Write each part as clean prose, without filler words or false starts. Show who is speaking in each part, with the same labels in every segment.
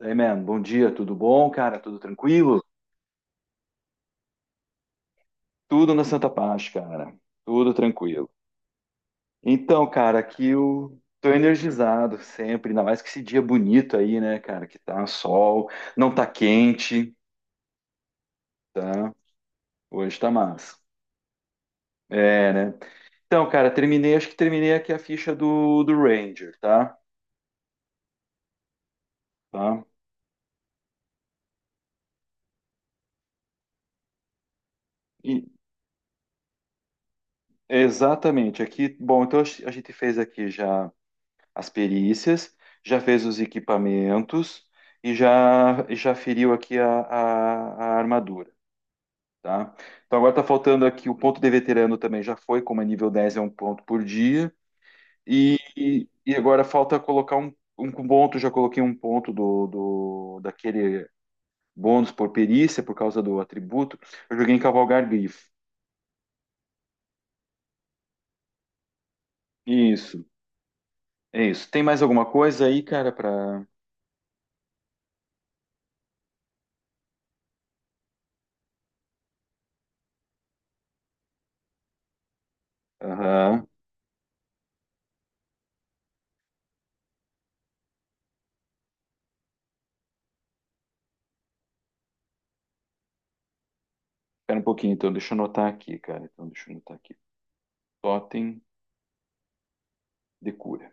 Speaker 1: Hey, man, bom dia, tudo bom, cara? Tudo tranquilo? Tudo na Santa Paz, cara. Tudo tranquilo. Então, cara, aqui eu tô energizado sempre, ainda mais que esse dia bonito aí, né, cara? Que tá sol, não tá quente, tá? Hoje tá massa. É, né? Então, cara, terminei, acho que terminei aqui a ficha do Ranger, tá? Tá? E- exatamente, aqui, bom, então a gente fez aqui já as perícias, já fez os equipamentos e já feriu aqui a armadura, tá? Então agora tá faltando aqui o ponto de veterano também já foi, como é nível 10 é um ponto por dia. E agora falta colocar um ponto, já coloquei um ponto do daquele bônus por perícia por causa do atributo. Eu joguei em cavalgar grifo. Isso, é isso. Tem mais alguma coisa aí, cara, para Aham. Espera um pouquinho, então, deixa eu anotar aqui, cara. Então, deixa eu anotar aqui. Totem de cura.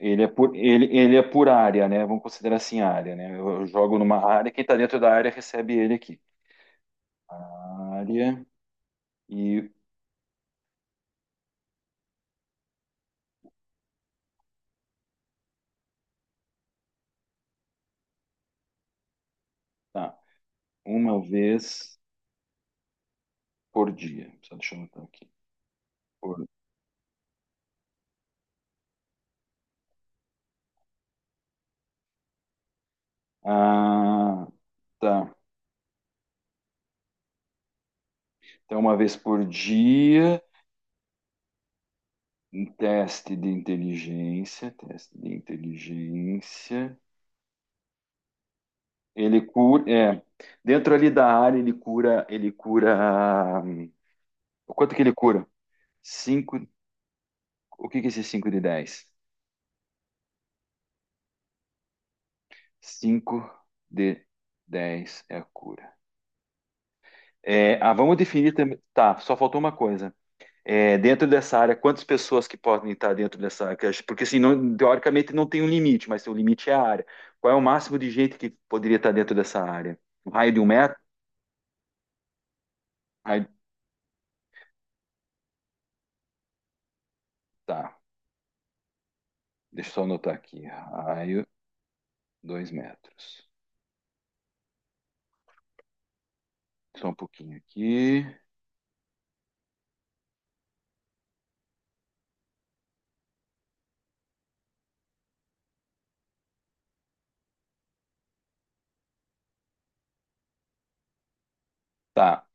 Speaker 1: Ele é por área, né? Vamos considerar assim área, né? Eu jogo numa área, quem tá dentro da área recebe ele aqui. Área e tá, uma vez por dia. Só deixa eu anotar aqui. Por- Ah, tá. Então, uma vez por dia, um teste de inteligência, teste de inteligência. Ele cura, é, dentro ali da área ele cura, o quanto que ele cura? 5 O que que é esse 5 de 10? 5 de 10 é a cura. É, ah, vamos definir também. Tá, só faltou uma coisa. É, dentro dessa área, quantas pessoas que podem estar dentro dessa área? Porque assim, não- teoricamente não tem um limite, mas o limite é a área. Qual é o máximo de gente que poderia estar dentro dessa área? Um raio de 1 metro? Um Raio- Tá, deixa eu só anotar aqui. Raio, 2 metros. Só um pouquinho aqui. Tá.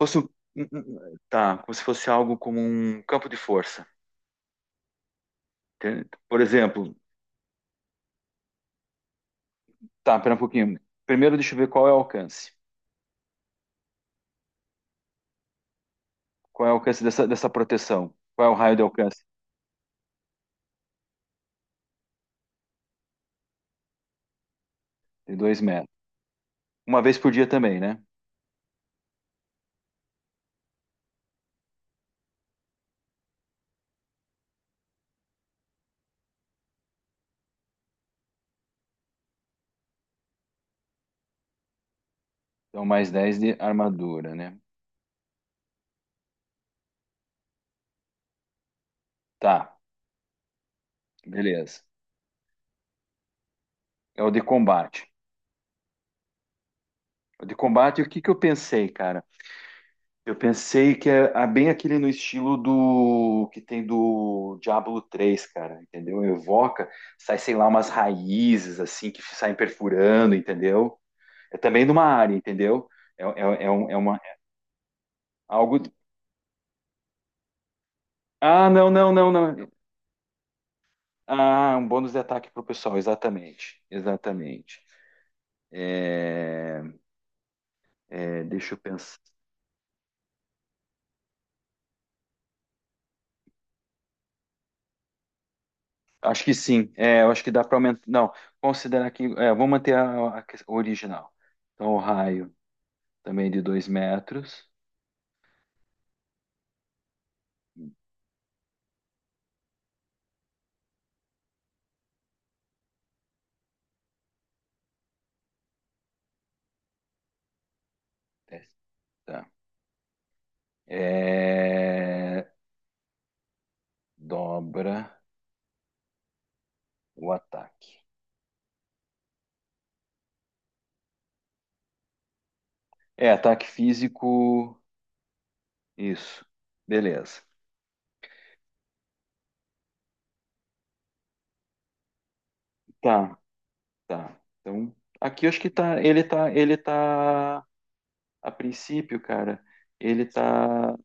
Speaker 1: Fosse um- um- um- Tá, como se fosse algo como um campo de força. Tem- Por exemplo, tá, pera um pouquinho. Primeiro, deixa eu ver qual é o alcance. Qual é o alcance dessa proteção? Qual é o raio de alcance? De 2 metros. Uma vez por dia também, né? Então, mais 10 de armadura, né? Tá, beleza. É o de combate. O de combate, o que que eu pensei, cara? Eu pensei que é ah, bem aquele no estilo do que tem do Diablo 3 cara, entendeu? Evoca, sai, sei lá, umas raízes assim que saem perfurando, entendeu? É também numa área, entendeu? É uma, Algo. Ah, não, não, não, não. Ah, um bônus de ataque para o pessoal, exatamente. Exatamente. É, é, deixa eu pensar. Acho que sim. É, eu acho que dá para aumentar. Não, considerar que. É, vou manter o original. Então, o raio também de 2 metros. É, Tá. É, dobra o ataque. É, ataque físico. Isso. Beleza. Tá, tá. Então, aqui eu acho que tá. Ele tá. Ele tá. A princípio, cara, ele tá,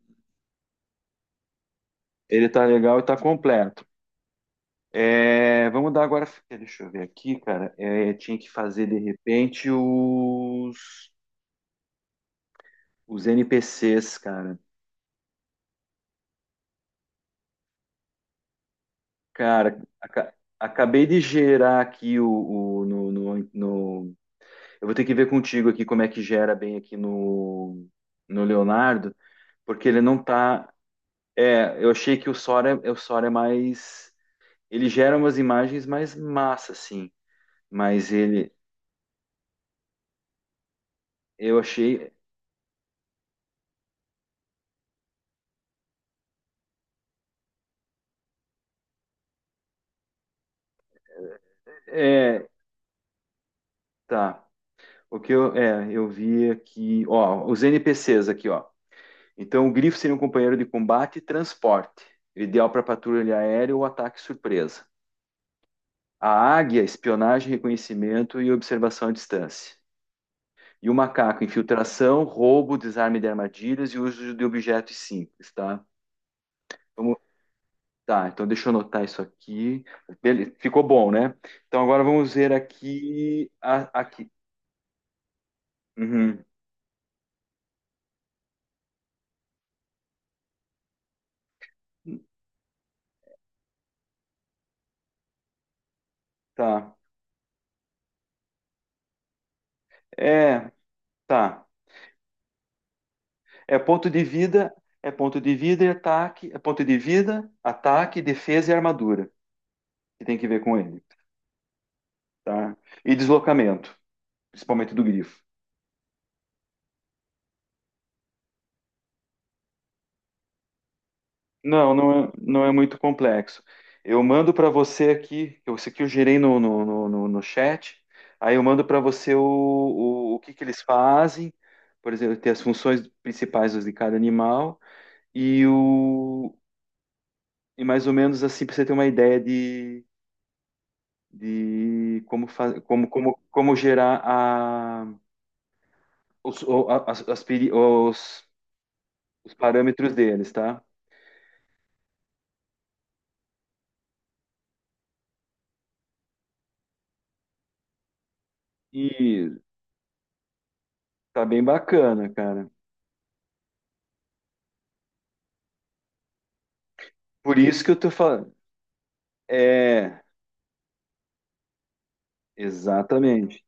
Speaker 1: ele tá legal e tá completo. É, vamos dar agora. Deixa eu ver aqui, cara. É, tinha que fazer de repente os NPCs, cara. Cara, acabei de gerar aqui o Eu vou ter que ver contigo aqui como é que gera bem aqui no Leonardo, porque ele não tá. É, eu achei que o Sora é mais. Ele gera umas imagens mais massa, assim. Mas ele, eu achei, é, tá. O que eu, é, eu vi aqui, ó, os NPCs aqui, ó. Então, o grifo seria um companheiro de combate e transporte, ideal para patrulha aérea ou ataque surpresa. A águia, espionagem, reconhecimento e observação à distância. E o macaco, infiltração, roubo, desarme de armadilhas e uso de objetos simples, tá? Vamos, tá, então deixa eu anotar isso aqui. Bele- ficou bom, né? Então agora vamos ver aqui. A- aqui. Uhum. Tá. É, tá. É ponto de vida, é ponto de vida e ataque, é ponto de vida, ataque, defesa e armadura, que tem que ver com ele, tá? E deslocamento, principalmente do grifo. Não, não é, não é muito complexo. Eu mando para você aqui, isso aqui eu gerei no chat, aí eu mando para você o que que eles fazem, por exemplo, ter as funções principais de cada animal e o e mais ou menos assim para você ter uma ideia de como, como gerar a, os, o- a- as peri- os parâmetros deles, tá? E tá bem bacana, cara. Por isso que eu tô falando. É, exatamente.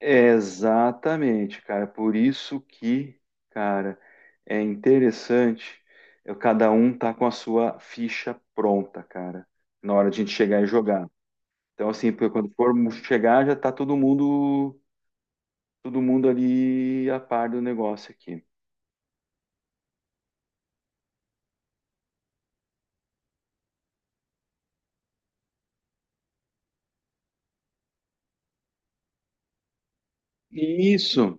Speaker 1: Exatamente, cara. Por isso que, cara, é interessante. Cada um tá com a sua ficha pronta, cara, na hora de a gente chegar e jogar. Então, assim, porque quando for chegar, já tá todo mundo ali a par do negócio aqui. Isso,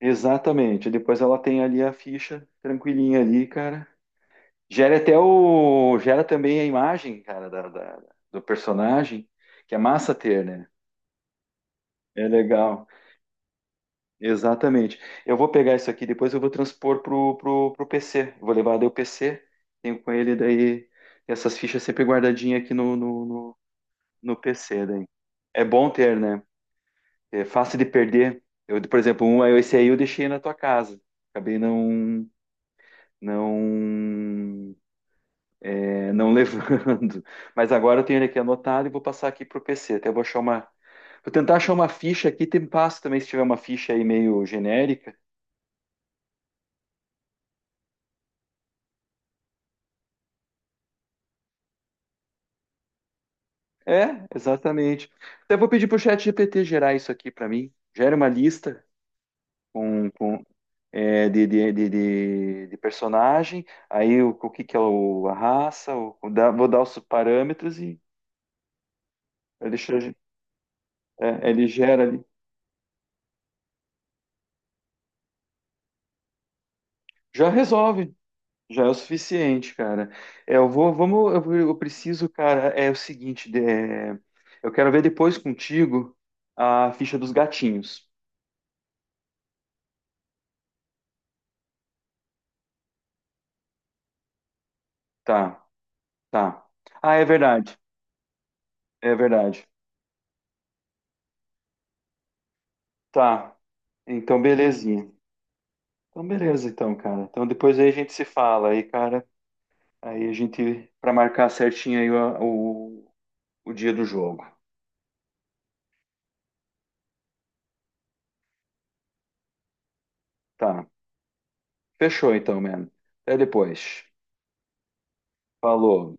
Speaker 1: exatamente. Depois ela tem ali a ficha tranquilinha ali, cara. Gera até o. Gera também a imagem, cara, da do personagem, que é massa ter, né? É legal. Exatamente. Eu vou pegar isso aqui, depois eu vou transpor pro PC. Eu Vou levar daí o PC, tenho com ele daí essas fichas sempre guardadinhas aqui no PC daí. É bom ter, né? É fácil de perder. Eu, por exemplo, é esse aí eu deixei na tua casa. Acabei não, não levando. Mas agora eu tenho ele aqui anotado e vou passar aqui pro PC. Até vou achar uma. Vou tentar achar uma ficha aqui, tem passo também se tiver uma ficha aí meio genérica. É, exatamente. Até vou pedir pro chat GPT gerar isso aqui para mim. Gera uma lista com, é, de personagem, aí o que que é o, a raça, vou dar os parâmetros e Ele, che- é, ele gera ali. Já resolve. Já é o suficiente, cara. É, eu vou, vamos, eu, vou- eu preciso, cara, é o seguinte, é, eu quero ver depois contigo a ficha dos gatinhos. Tá, tá. Ah, é verdade. É verdade. Tá. Então, belezinha. Então, beleza, então, cara. Então, depois aí a gente se fala aí, cara. Aí a gente, pra marcar certinho aí o dia do jogo. Tá. Fechou, então, mano. Até depois. Falou.